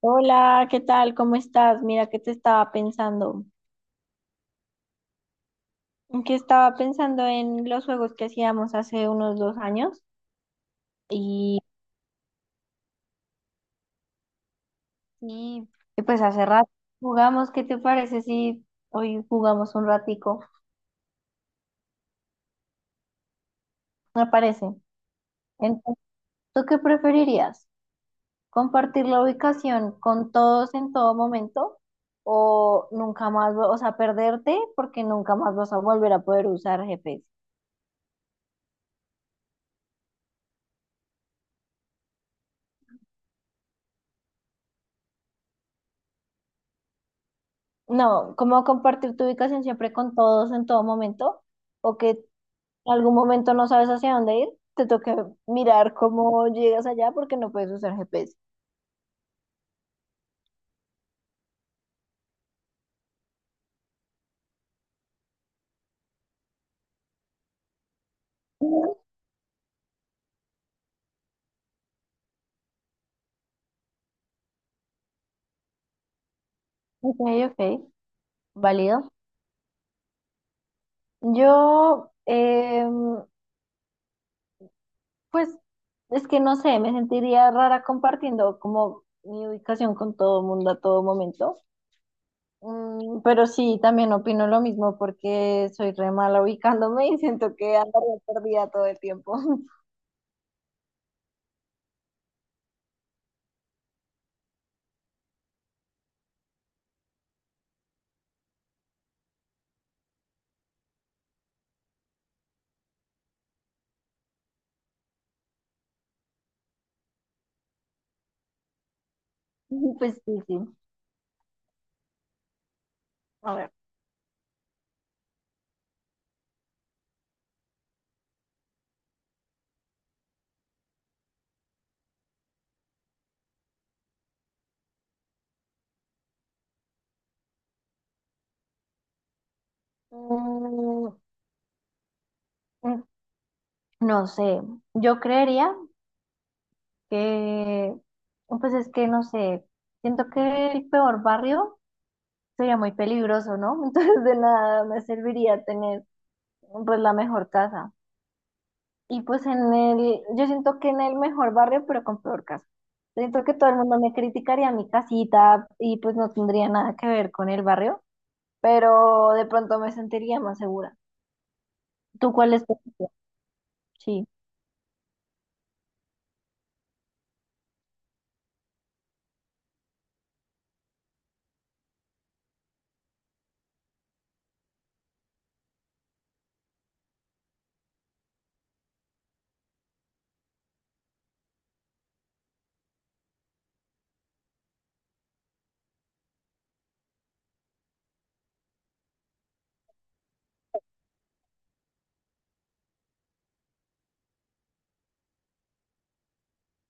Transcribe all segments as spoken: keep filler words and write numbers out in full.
Hola, ¿qué tal? ¿Cómo estás? Mira que te estaba pensando, que estaba pensando en los juegos que hacíamos hace unos dos años y, y, y pues hace rato jugamos. ¿Qué te parece si hoy jugamos un ratico? Me parece. Entonces, ¿tú qué preferirías? ¿Compartir la ubicación con todos en todo momento o nunca más, vo- o sea, perderte porque nunca más vas a volver a poder usar G P S? No, como compartir tu ubicación siempre con todos en todo momento, o que algún momento no sabes hacia dónde ir, te toca mirar cómo llegas allá porque no puedes usar G P S. Mm, ok, ok, válido. Yo, em, pues, es que no sé, me sentiría rara compartiendo como mi ubicación con todo el mundo a todo momento. Mm, pero sí, también opino lo mismo porque soy re mala ubicándome y siento que andaría perdida todo el tiempo. Pues sí, sí. A ver. Mm, mm, no sé, yo creería que, pues es que no sé, siento que el peor barrio sería muy peligroso, ¿no? Entonces de nada me serviría tener pues la mejor casa. Y pues en el, yo siento que en el mejor barrio, pero con peor casa. Siento que todo el mundo me criticaría mi casita y pues no tendría nada que ver con el barrio, pero de pronto me sentiría más segura. ¿Tú cuál es tu opinión? Sí,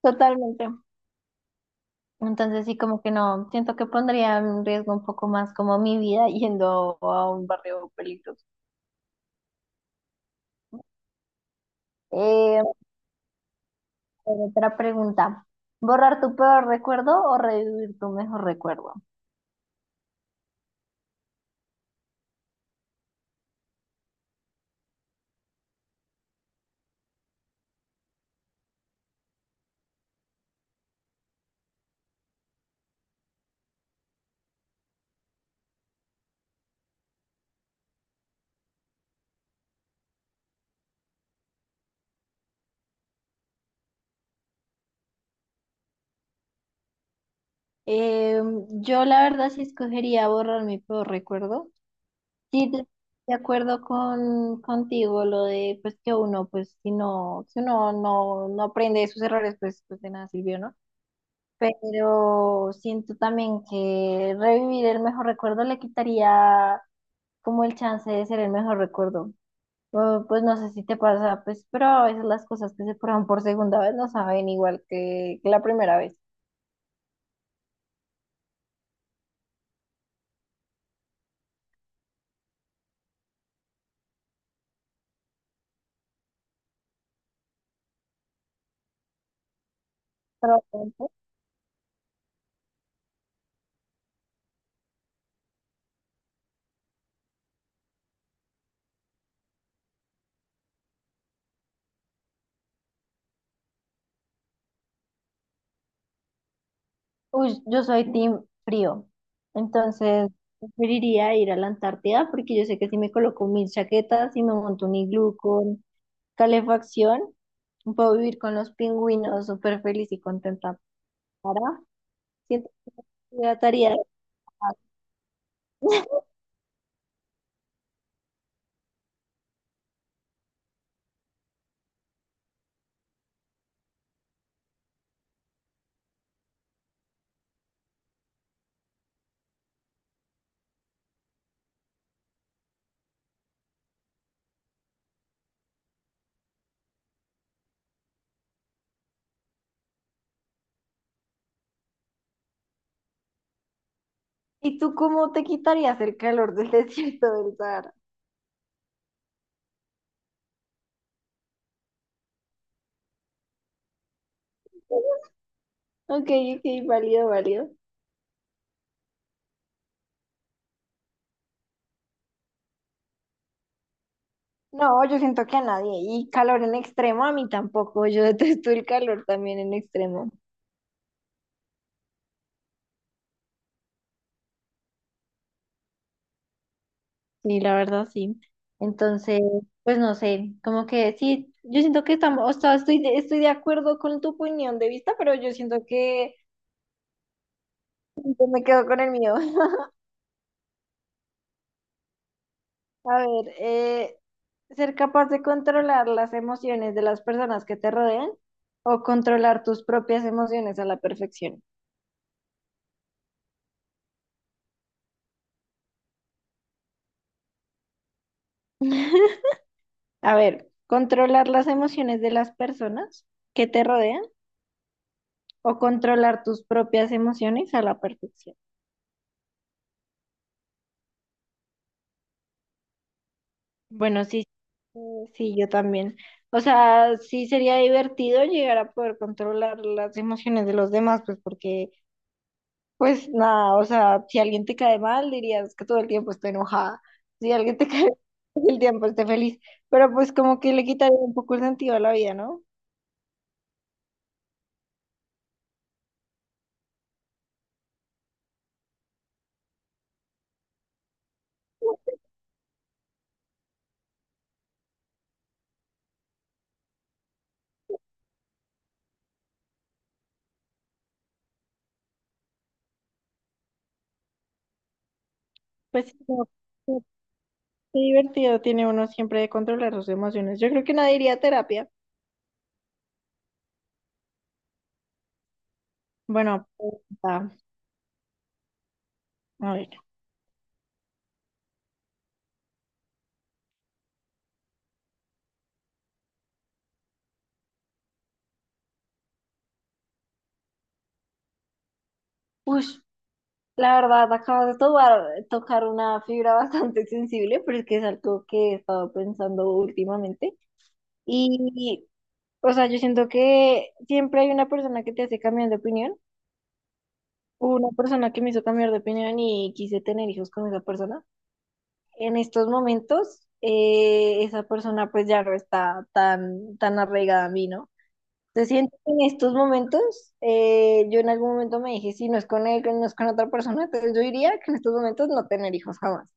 totalmente. Entonces sí, como que no, siento que pondría en riesgo un poco más como mi vida yendo a un barrio peligroso. Eh, otra pregunta, ¿borrar tu peor recuerdo o revivir tu mejor recuerdo? Eh, yo la verdad sí escogería borrar mi peor recuerdo. Sí, de de acuerdo con contigo lo de pues que uno, pues si no, si uno no no aprende de sus errores, pues pues de nada sirvió, ¿no? Pero siento también que revivir el mejor recuerdo le quitaría como el chance de ser el mejor recuerdo. O, pues no sé si te pasa, pues, pero a veces las cosas que se prueban por segunda vez no saben igual que, que la primera vez. Pero, uy, yo soy team frío, entonces preferiría ir a la Antártida porque yo sé que si me coloco mil chaquetas y me monto un iglú con calefacción, puedo vivir con los pingüinos súper feliz y contenta. Para hidrataría. ¿Y tú cómo te quitarías el calor del desierto del Sahara? Ok, ok, válido, válido. No, yo siento que a nadie. Y calor en extremo, a mí tampoco. Yo detesto el calor también en extremo. Sí, la verdad, sí. Entonces, pues no sé, como que sí, yo siento que estamos, o sea, estoy de, estoy de acuerdo con tu opinión de vista, pero yo siento que yo me quedo con el mío. A ver, eh, ser capaz de controlar las emociones de las personas que te rodean o controlar tus propias emociones a la perfección. A ver, controlar las emociones de las personas que te rodean o controlar tus propias emociones a la perfección. Bueno, sí, eh, sí, yo también. O sea, sí sería divertido llegar a poder controlar las emociones de los demás, pues porque pues nada, o sea, si alguien te cae mal, dirías que todo el tiempo estoy enojada. Si alguien te cae bien, todo el tiempo esté feliz. Pero pues como que le quitaría un poco el sentido a la vida, ¿no? Pues sí, como que qué divertido tiene uno siempre de controlar sus emociones. Yo creo que nadie iría a terapia. Bueno, pues, ah, a ver. Ush, la verdad, acabas de tocar, tocar una fibra bastante sensible, pero es que es algo que he estado pensando últimamente. Y, o sea, yo siento que siempre hay una persona que te hace cambiar de opinión. Una persona que me hizo cambiar de opinión y quise tener hijos con esa persona. En estos momentos, eh, esa persona pues ya no está tan, tan arraigada a mí, ¿no? Se siente que en estos momentos, eh, yo en algún momento me dije, si no es con él, no es con otra persona, entonces yo diría que en estos momentos no tener hijos jamás.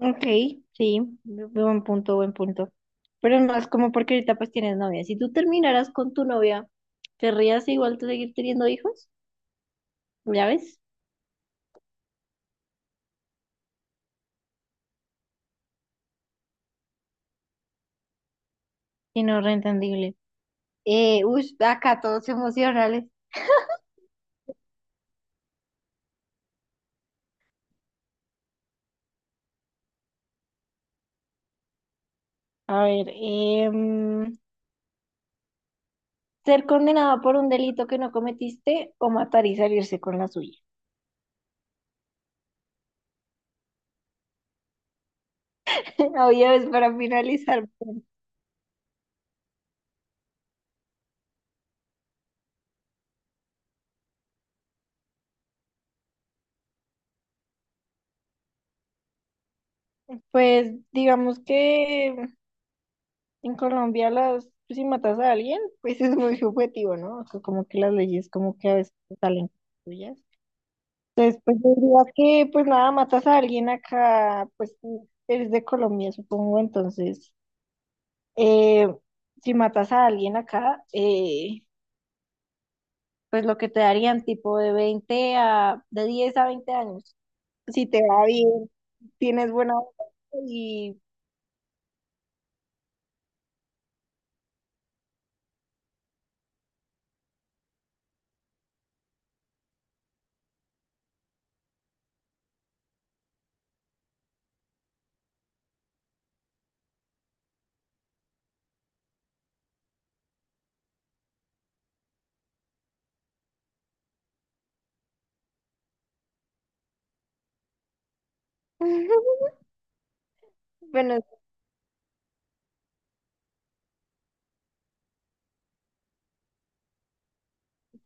Ok, sí, bu- buen punto, buen punto. Pero es más como porque ahorita pues tienes novia. Si tú terminaras con tu novia, ¿querrías igual tú seguir teniendo hijos? ¿Ya ves? Y no, reentendible. Eh, uy, acá todos emocionales. A ver, em, ser condenado por un delito que no cometiste o matar y salirse con la suya. Oye, es para finalizar. Pues digamos que en Colombia las, pues, si matas a alguien, pues es muy subjetivo, ¿no? O sea, como que las leyes como que a veces salen suyas. Entonces, pues yo diría que pues nada, matas a alguien acá, pues eres de Colombia, supongo, entonces eh, si matas a alguien acá, eh, pues lo que te darían tipo de veinte a, de diez a veinte años. Si te va bien, tienes buena vida y bueno,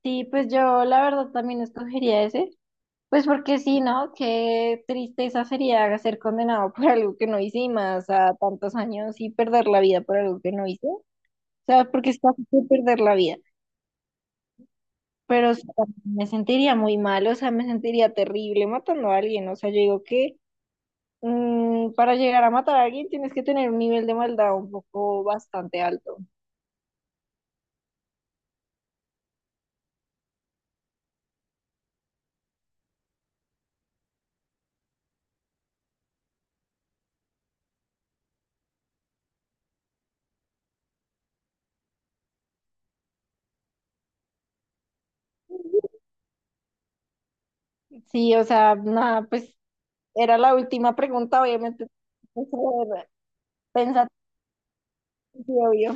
sí, pues yo la verdad también escogería ese. Pues porque sí, ¿no? Qué tristeza sería ser condenado por algo que no hice y más a tantos años y perder la vida por algo que no hice. O sea, porque es fácil perder la vida. Pero sí, me sentiría muy mal, o sea, me sentiría terrible matando a alguien. O sea, yo digo que mm, para llegar a matar a alguien tienes que tener un nivel de maldad un poco bastante alto. Sí, o sea, nada, pues era la última pregunta, obviamente. Pensando, obvio.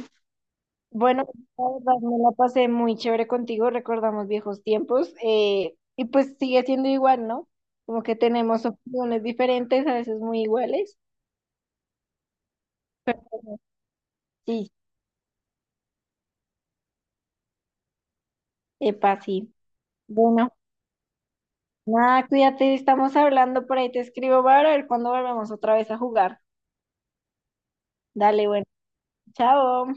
Bueno, la verdad, me la pasé muy chévere contigo, recordamos viejos tiempos, eh, y pues sigue siendo igual, ¿no? Como que tenemos opiniones diferentes, a veces muy iguales, pero sí, epa, sí. Bueno, nada, cuídate, estamos hablando por ahí, te escribo para ver cuándo volvemos otra vez a jugar. Dale, bueno, chao.